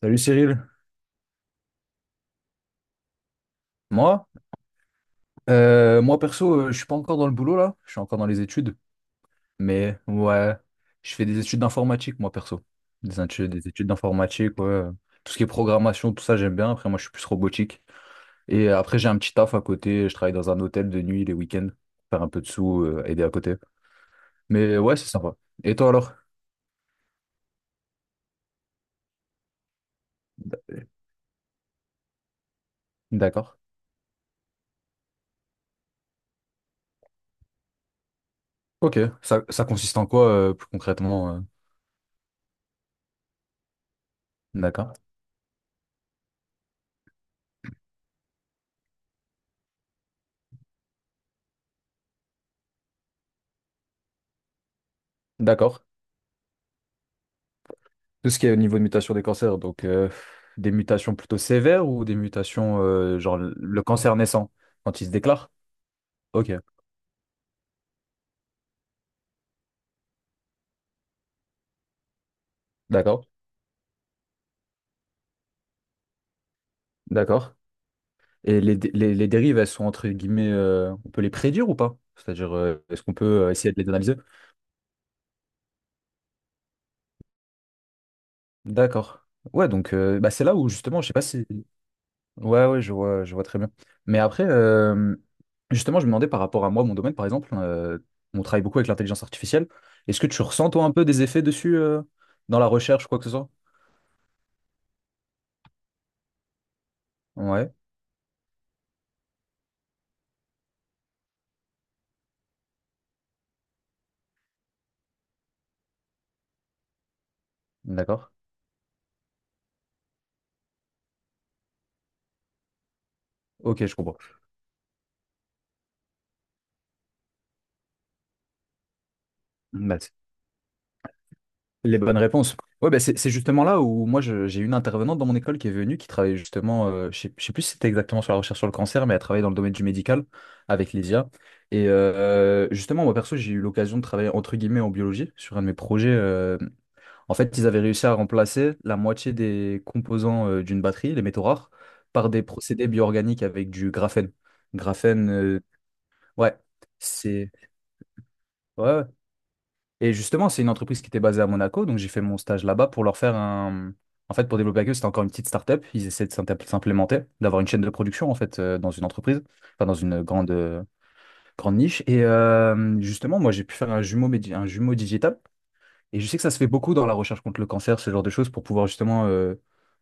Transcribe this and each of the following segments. Salut Cyril. Moi? Moi perso, je suis pas encore dans le boulot là, je suis encore dans les études, mais ouais, je fais des études d'informatique moi perso. Des études d'informatique, ouais. Tout ce qui est programmation, tout ça j'aime bien. Après moi je suis plus robotique. Et après j'ai un petit taf à côté, je travaille dans un hôtel de nuit les week-ends, faire un peu de sous, aider à côté. Mais ouais, c'est sympa. Et toi alors? D'accord. Ok, ça consiste en quoi plus concrètement? D'accord. D'accord. Tout ce qui est au niveau de mutation des cancers, donc des mutations plutôt sévères ou des mutations, genre le cancer naissant, quand il se déclare? Ok, d'accord, d'accord. Et les dérives, elles sont entre guillemets, on peut les prédire ou pas? C'est-à-dire, est-ce qu'on peut essayer de les analyser? D'accord. Ouais, donc bah, c'est là où justement, je sais pas si. Ouais, ouais, je vois très bien. Mais après, justement, je me demandais par rapport à moi, mon domaine, par exemple, on travaille beaucoup avec l'intelligence artificielle. Est-ce que tu ressens, toi, un peu des effets dessus dans la recherche, quoi que ce soit? Ouais, d'accord. Ok, je comprends. Maths. Les bonnes réponses. Ouais, bah c'est justement là où moi j'ai une intervenante dans mon école qui est venue, qui travaille justement, je sais plus si c'était exactement sur la recherche sur le cancer, mais elle travaille dans le domaine du médical avec les IA. Et justement, moi perso, j'ai eu l'occasion de travailler entre guillemets en biologie sur un de mes projets. En fait, ils avaient réussi à remplacer la moitié des composants d'une batterie, les métaux rares, par des procédés bioorganiques avec du graphène. Graphène, ouais, c'est. Ouais, ouais. Et justement, c'est une entreprise qui était basée à Monaco, donc j'ai fait mon stage là-bas pour leur faire un... En fait, pour développer avec eux, c'était encore une petite start-up. Ils essaient de s'implémenter, d'avoir une chaîne de production, en fait, dans une entreprise, enfin, dans une grande, grande niche. Et justement, moi, j'ai pu faire un jumeau digital. Et je sais que ça se fait beaucoup dans la recherche contre le cancer, ce genre de choses, pour pouvoir justement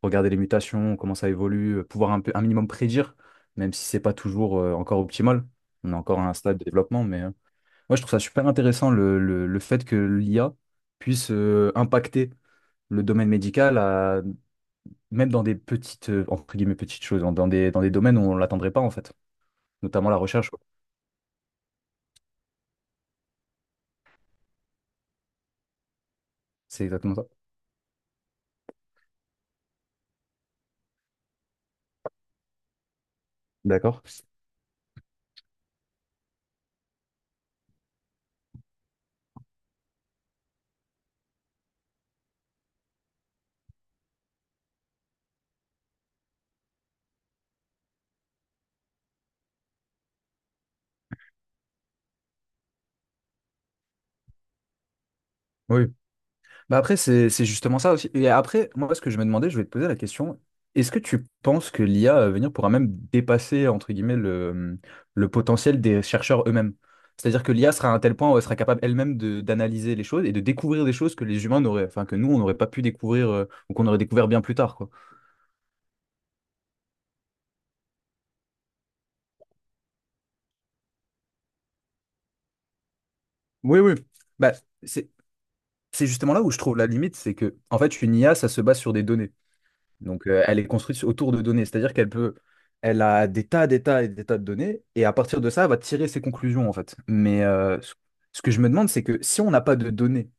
regarder les mutations, comment ça évolue, pouvoir un peu, un minimum prédire, même si c'est pas toujours encore optimal. On a encore à un stade de développement, mais... moi, je trouve ça super intéressant le fait que l'IA puisse impacter le domaine médical, même dans des petites, entre guillemets, petites choses, dans des domaines où on ne l'attendrait pas, en fait, notamment la recherche, quoi. C'est exactement ça. D'accord? Oui. Bah après, c'est justement ça aussi. Et après, moi, ce que je me demandais, je vais te poser la question, est-ce que tu penses que l'IA à venir pourra même dépasser, entre guillemets, le potentiel des chercheurs eux-mêmes? C'est-à-dire que l'IA sera à un tel point où elle sera capable elle-même d'analyser les choses et de découvrir des choses que les humains n'auraient, enfin, que nous, on n'aurait pas pu découvrir ou qu'on aurait découvert bien plus tard, quoi. Oui, oui. Bah, c'est c'est justement là où je trouve la limite, c'est que, en fait, une IA, ça se base sur des données. Donc, elle est construite autour de données, c'est-à-dire qu'elle peut, elle a des tas et des tas de données, et à partir de ça, elle va tirer ses conclusions, en fait. Mais ce que je me demande, c'est que si on n'a pas de données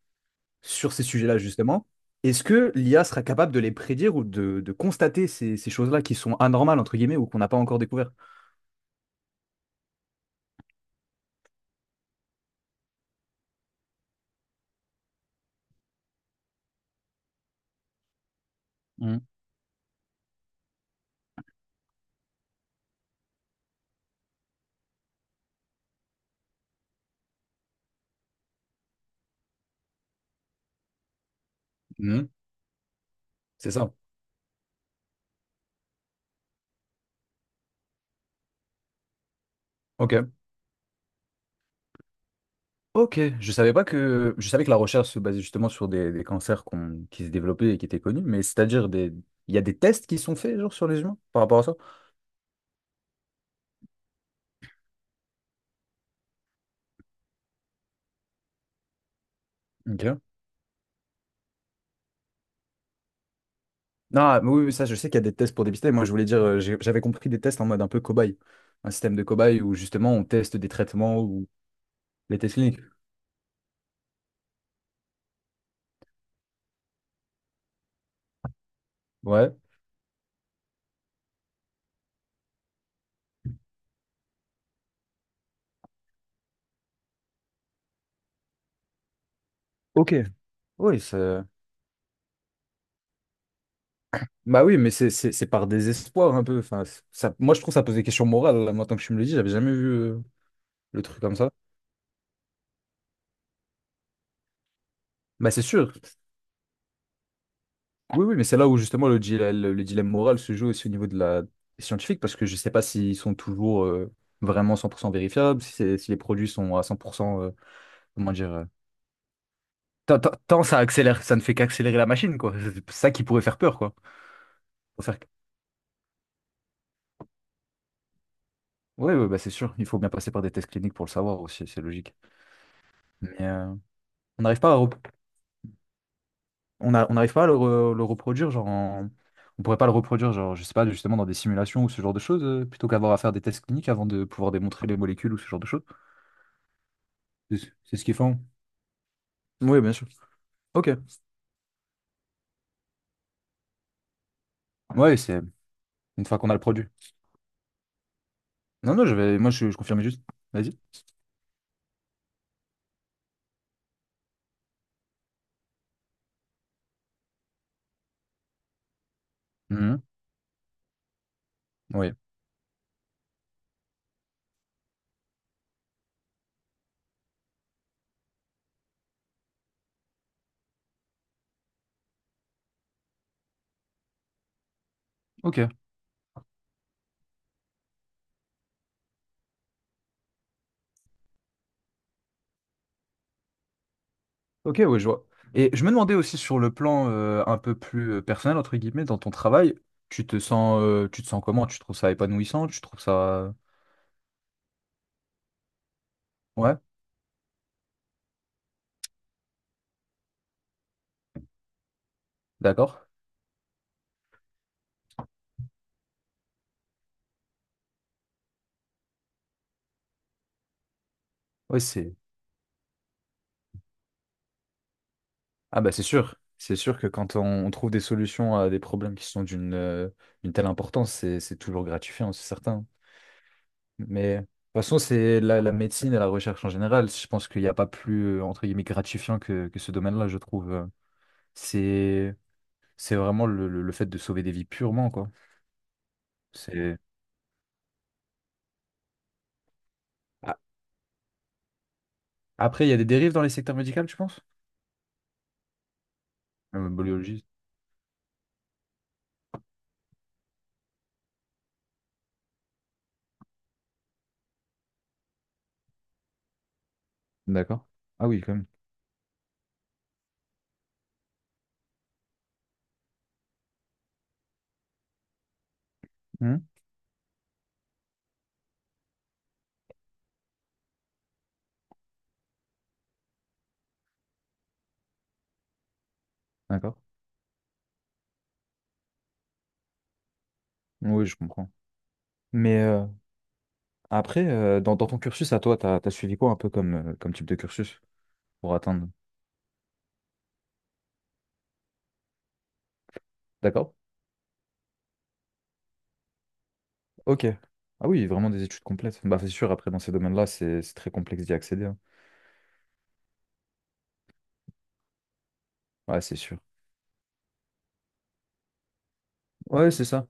sur ces sujets-là, justement, est-ce que l'IA sera capable de les prédire ou de constater ces choses-là qui sont anormales, entre guillemets, ou qu'on n'a pas encore découvert? Mhm. Mhm. C'est ça. Ok. Ok. Je savais pas que, je savais que la recherche se basait justement sur des cancers qui se développaient et qui étaient connus, mais c'est-à-dire des, il y a des tests qui sont faits, genre, sur les humains par rapport à ça? Ok. Non, mais oui, oui, ça, je sais qu'il y a des tests pour dépister. Moi, je voulais dire, j'avais compris des tests en mode un peu cobaye. Un système de cobaye où justement on teste des traitements ou les tests cliniques. Ouais. Ok. Oui, ça... Bah oui, mais c'est par désespoir un peu. Enfin, ça... Moi, je trouve que ça pose des questions morales, là. Moi, tant que je me le dis, j'avais jamais vu le truc comme ça. Bah, c'est sûr. Oui, oui, mais c'est là où justement le dilemme moral se joue aussi au niveau de la scientifique parce que je sais pas s'ils sont toujours vraiment 100% vérifiables, si, si les produits sont à 100%, comment dire, tant ça accélère, ça ne fait qu'accélérer la machine, quoi. C'est ça qui pourrait faire peur, quoi. Faut faire... Oui, oui, bah c'est sûr, il faut bien passer par des tests cliniques pour le savoir aussi, c'est logique. Mais on n'arrive pas à, on n'arrive pas le reproduire, genre on pourrait pas le reproduire, genre, je sais pas, justement dans des simulations ou ce genre de choses, plutôt qu'avoir à faire des tests cliniques avant de pouvoir démontrer les molécules ou ce genre de choses. C'est c'est ce qu'ils font. Oui, bien sûr. Ok. Ouais, c'est une fois qu'on a le produit. Non, non, je vais... moi je confirme juste. Vas-y. Mhm. Oui. Ok. Ok, ouais, je vois. Et je me demandais aussi sur le plan un peu plus personnel, entre guillemets, dans ton travail, tu te sens comment? Tu trouves ça épanouissant? Tu trouves ça... Ouais, d'accord. Ouais, c'est... Ah bah c'est sûr. C'est sûr que quand on trouve des solutions à des problèmes qui sont d'une telle importance, c'est toujours gratifiant, c'est certain. Mais de toute façon, c'est la médecine et la recherche en général. Je pense qu'il n'y a pas plus, entre guillemets, gratifiant que ce domaine-là, je trouve. C'est c'est vraiment le fait de sauver des vies purement, quoi. C'est A- Après, il y a des dérives dans les secteurs médicaux, tu penses? Biologiste. D'accord. Ah oui, quand même. Hmm, d'accord. Oui, je comprends. Mais après, dans ton cursus à toi, t'as suivi quoi un peu comme, comme type de cursus pour atteindre? D'accord. Ok. Ah oui, vraiment des études complètes. Bah c'est sûr, après dans ces domaines-là, c'est très complexe d'y accéder, hein. Ouais, c'est sûr. Ouais, c'est ça.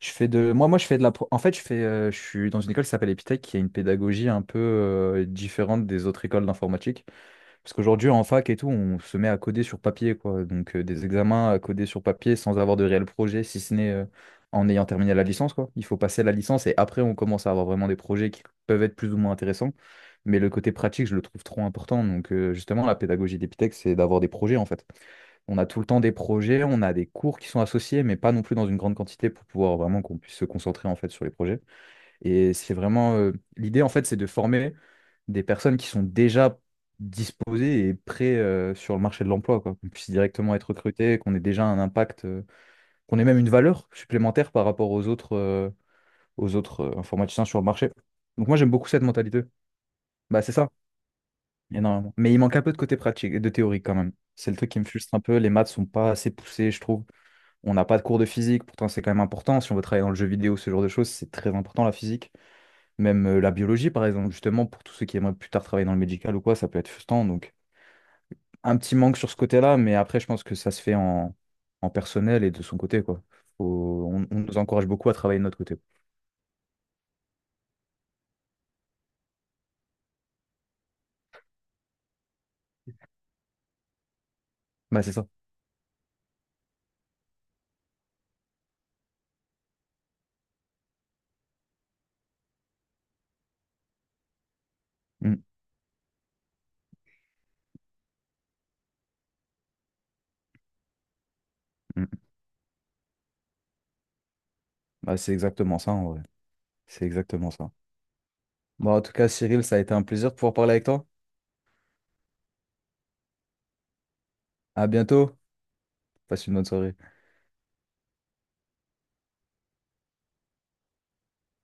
Je fais de. Je fais de la. En fait, je fais. Je suis dans une école qui s'appelle Epitech, qui a une pédagogie un peu différente des autres écoles d'informatique. Parce qu'aujourd'hui, en fac et tout, on se met à coder sur papier, quoi. Donc, des examens à coder sur papier sans avoir de réel projet, si ce n'est en ayant terminé la licence, quoi. Il faut passer la licence et après, on commence à avoir vraiment des projets qui peuvent être plus ou moins intéressants. Mais le côté pratique, je le trouve trop important. Donc, justement, la pédagogie d'Epitech, c'est d'avoir des projets, en fait. On a tout le temps des projets, on a des cours qui sont associés, mais pas non plus dans une grande quantité pour pouvoir vraiment qu'on puisse se concentrer, en fait, sur les projets. Et c'est vraiment l'idée en fait, c'est de former des personnes qui sont déjà disposées et prêtes sur le marché de l'emploi, quoi. Qu'on puisse directement être recruté, qu'on ait déjà un impact, qu'on ait même une valeur supplémentaire par rapport aux autres informaticiens sur le marché. Donc moi j'aime beaucoup cette mentalité. Bah c'est ça, énormément. Mais il manque un peu de côté pratique, de théorie quand même. C'est le truc qui me frustre un peu. Les maths sont pas assez poussées, je trouve. On n'a pas de cours de physique, pourtant c'est quand même important. Si on veut travailler dans le jeu vidéo, ce genre de choses, c'est très important la physique. Même la biologie, par exemple, justement, pour tous ceux qui aimeraient plus tard travailler dans le médical ou quoi, ça peut être frustrant. Donc, un petit manque sur ce côté-là, mais après, je pense que ça se fait en personnel et de son côté, quoi. On nous encourage beaucoup à travailler de notre côté. Bah, c'est ça. Mm, mm. Bah, c'est exactement ça, en vrai. C'est exactement ça. Bon, en tout cas, Cyril, ça a été un plaisir de pouvoir parler avec toi. À bientôt. Passe une bonne soirée.